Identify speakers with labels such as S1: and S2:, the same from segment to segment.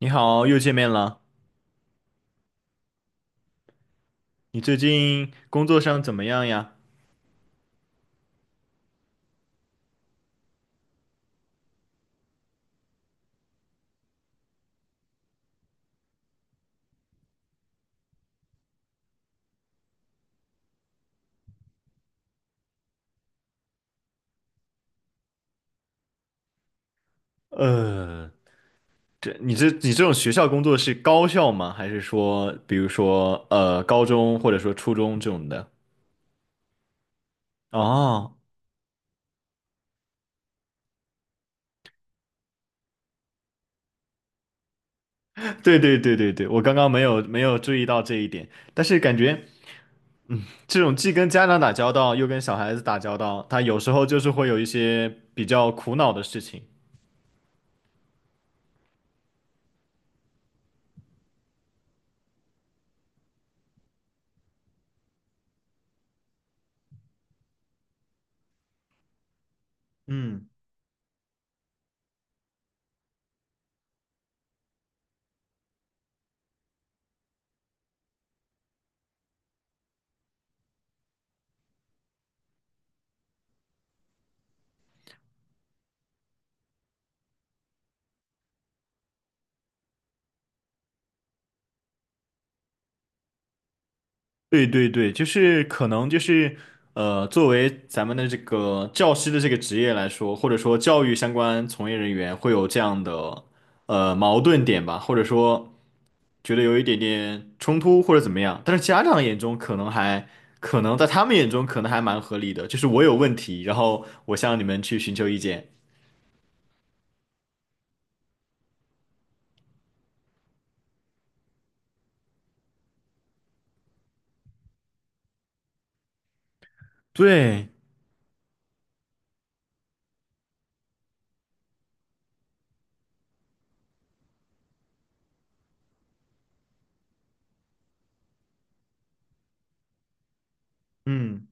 S1: 你好，又见面了。你最近工作上怎么样呀？呃，这你这种学校工作是高校吗？还是说，比如说高中或者说初中这种的？哦，对对对对对，我刚刚没有注意到这一点，但是感觉这种既跟家长打交道，又跟小孩子打交道，他有时候就是会有一些比较苦恼的事情。嗯。对对对，可能就是作为咱们的这个教师的这个职业来说，或者说教育相关从业人员会有这样的矛盾点吧，或者说觉得有一点点冲突或者怎么样，但是家长眼中可能还可能在他们眼中可能还蛮合理的，就是我有问题，然后我向你们去寻求意见。对，嗯。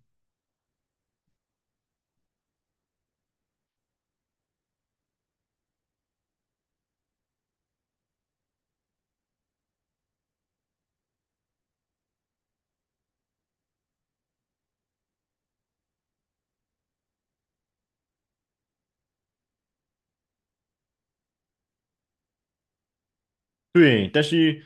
S1: 对，但是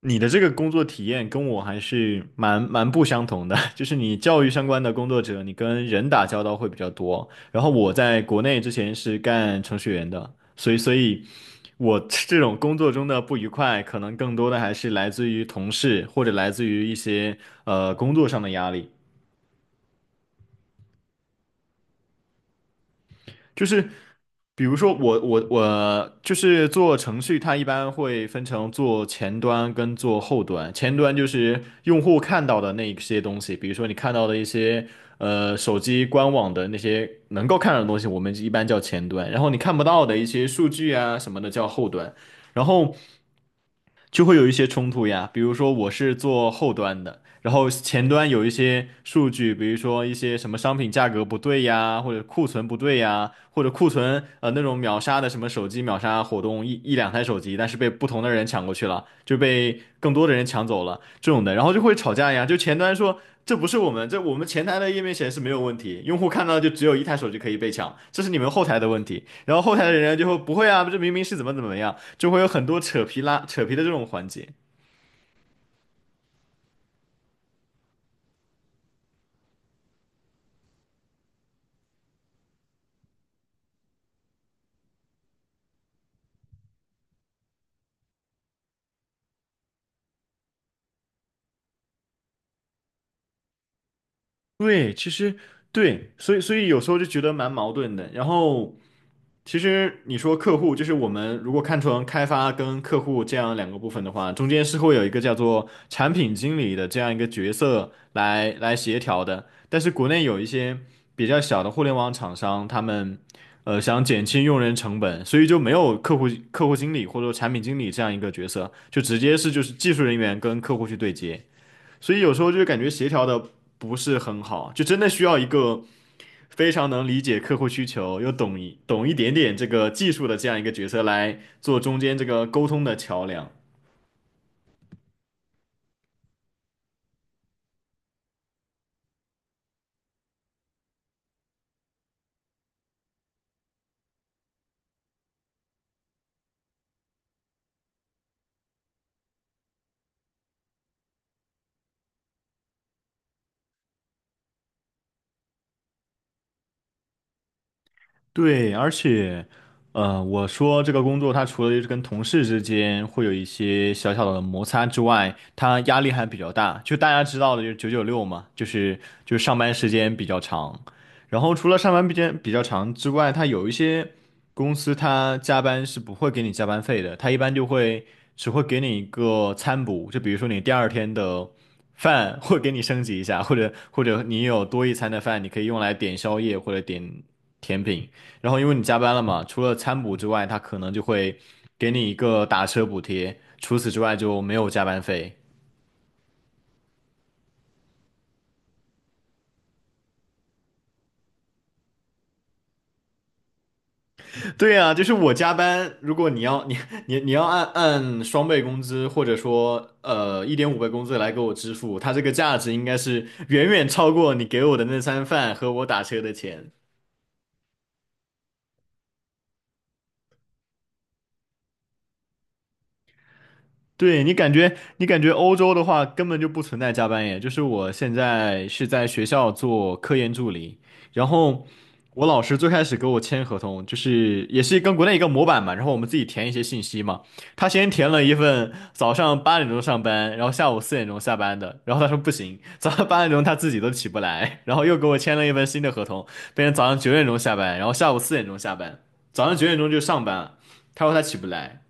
S1: 你的这个工作体验跟我还是蛮不相同的，就是你教育相关的工作者，你跟人打交道会比较多。然后我在国内之前是干程序员的，所以我 这种工作中的不愉快，可能更多的还是来自于同事或者来自于一些工作上的压力。就是比如说我就是做程序，它一般会分成做前端跟做后端。前端就是用户看到的那一些东西，比如说你看到的一些手机官网的那些能够看到的东西，我们一般叫前端。然后你看不到的一些数据啊什么的叫后端。然后就会有一些冲突呀。比如说我是做后端的，然后前端有一些数据，比如说一些什么商品价格不对呀，或者库存不对呀，或者那种秒杀的什么手机秒杀活动，一两台手机，但是被不同的人抢过去了，就被更多的人抢走了这种的，然后就会吵架呀。就前端说。这不是我们，这我们前台的页面显示没有问题，用户看到就只有一台手机可以被抢，这是你们后台的问题。然后后台的人就会不会啊，这明明是怎么怎么样，就会有很多扯皮的这种环节。对，其实对，所以有时候就觉得蛮矛盾的。然后其实你说客户，就是我们如果看成开发跟客户这样两个部分的话，中间是会有一个叫做产品经理的这样一个角色来协调的。但是国内有一些比较小的互联网厂商，他们想减轻用人成本，所以就没有客户经理或者说产品经理这样一个角色，就直接是技术人员跟客户去对接。所以有时候就感觉协调的不是很好，就真的需要一个非常能理解客户需求，又懂点点这个技术的这样一个角色来做中间这个沟通的桥梁。对，而且，呃，我说这个工作，它除了就是跟同事之间会有一些小小的摩擦之外，它压力还比较大。就大家知道的，就是九九六嘛，就是上班时间比较长。然后除了上班时间比较长之外，它有一些公司它加班是不会给你加班费的，它一般就会只会给你一个餐补，就比如说你第二天的饭 会给你升级一下，或者你有多一餐的饭，你可以用来点宵夜或者点甜品。然后因为你加班了嘛，除了餐补之外，他可能就会给你一个打车补贴，除此之外就没有加班费。对啊，就是我加班，如果你要 你要按双倍工资或者说一点五倍工资来给我支付，他这个价值应该是远远超过你给我的那餐饭和我打车的钱。对，你感觉欧洲的话根本就不存在加班耶。就是我现在是在学校做科研助理，然后我老师最开始给我签合同，就是也是跟国内一个模板嘛，然后我们自己填一些信息嘛。他先填了一份早上八点钟上班，然后下午四点钟下班的，然后他说不行，早上八点钟他自己都起不来，然后又给我签了一份新的合同，变成早上九点钟下班，然后下午四点钟下班，早上九点钟就上班了，他说他起不来。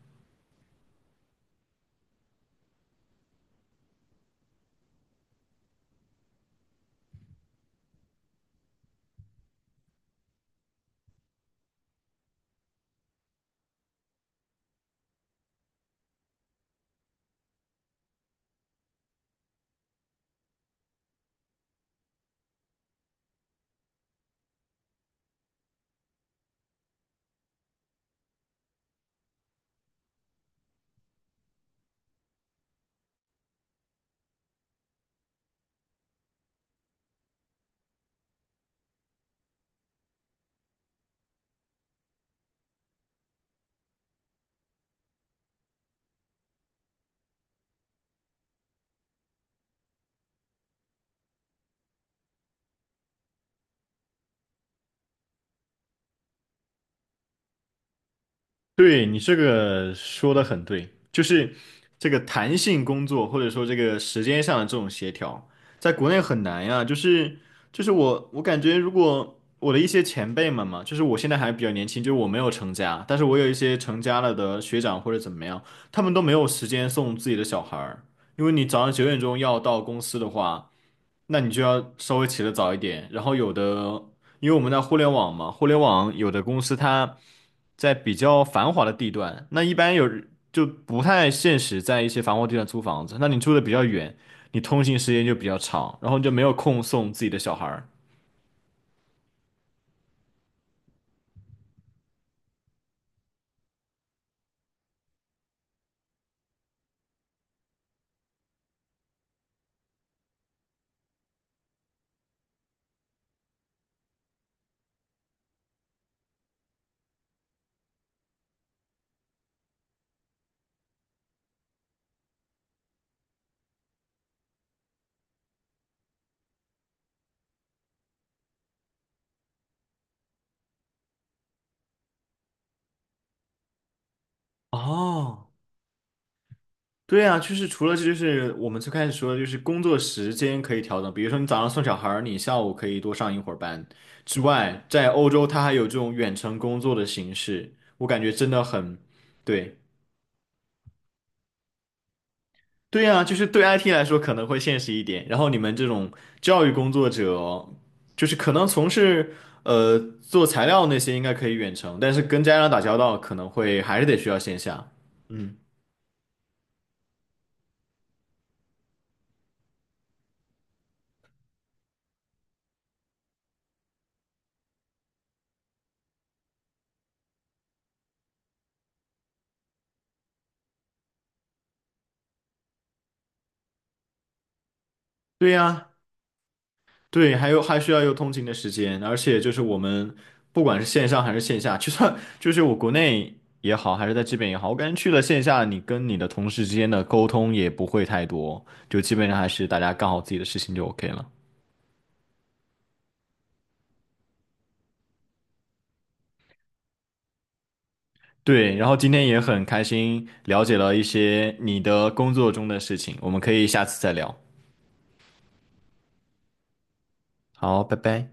S1: 对，你这个说的很对，就是这个弹性工作或者说这个时间上的这种协调，在国内很难呀。就是我感觉，如果我的一些前辈们嘛，就是我现在还比较年轻，就是我没有成家，但是我有一些成家了的学长或者怎么样，他们都没有时间送自己的小孩儿，因为你早上九点钟要到公司的话，那你就要稍微起得早一点，然后有的。因为我们在互联网嘛，互联网有的公司它在比较繁华的地段，那一般不太现实，在一些繁华地段租房子。那你住的比较远，你通勤时间就比较长，然后你就没有空送自己的小孩儿。哦，对啊，就是除了这就是我们最开始说的，就是工作时间可以调整，比如说你早上送小孩儿，你下午可以多上一会儿班之外，在欧洲它还有这种远程工作的形式，我感觉真的很，对。对呀，就是对 IT 来说可能会现实一点，然后你们这种教育工作者就是可能从事做材料那些应该可以远程，但是跟家长打交道可能会还是得需要线下。嗯，对呀，对，还有还需要有通勤的时间，而且就是我们不管是线上还是线下，就算就是我国内也好，还是在这边也好，我感觉去了线下，你跟你的同事之间的沟通也不会太多，就基本上还是大家干好自己的事情就 OK 了。对，然后今天也很开心了解了一些你的工作中的事情，我们可以下次再聊。好，拜拜。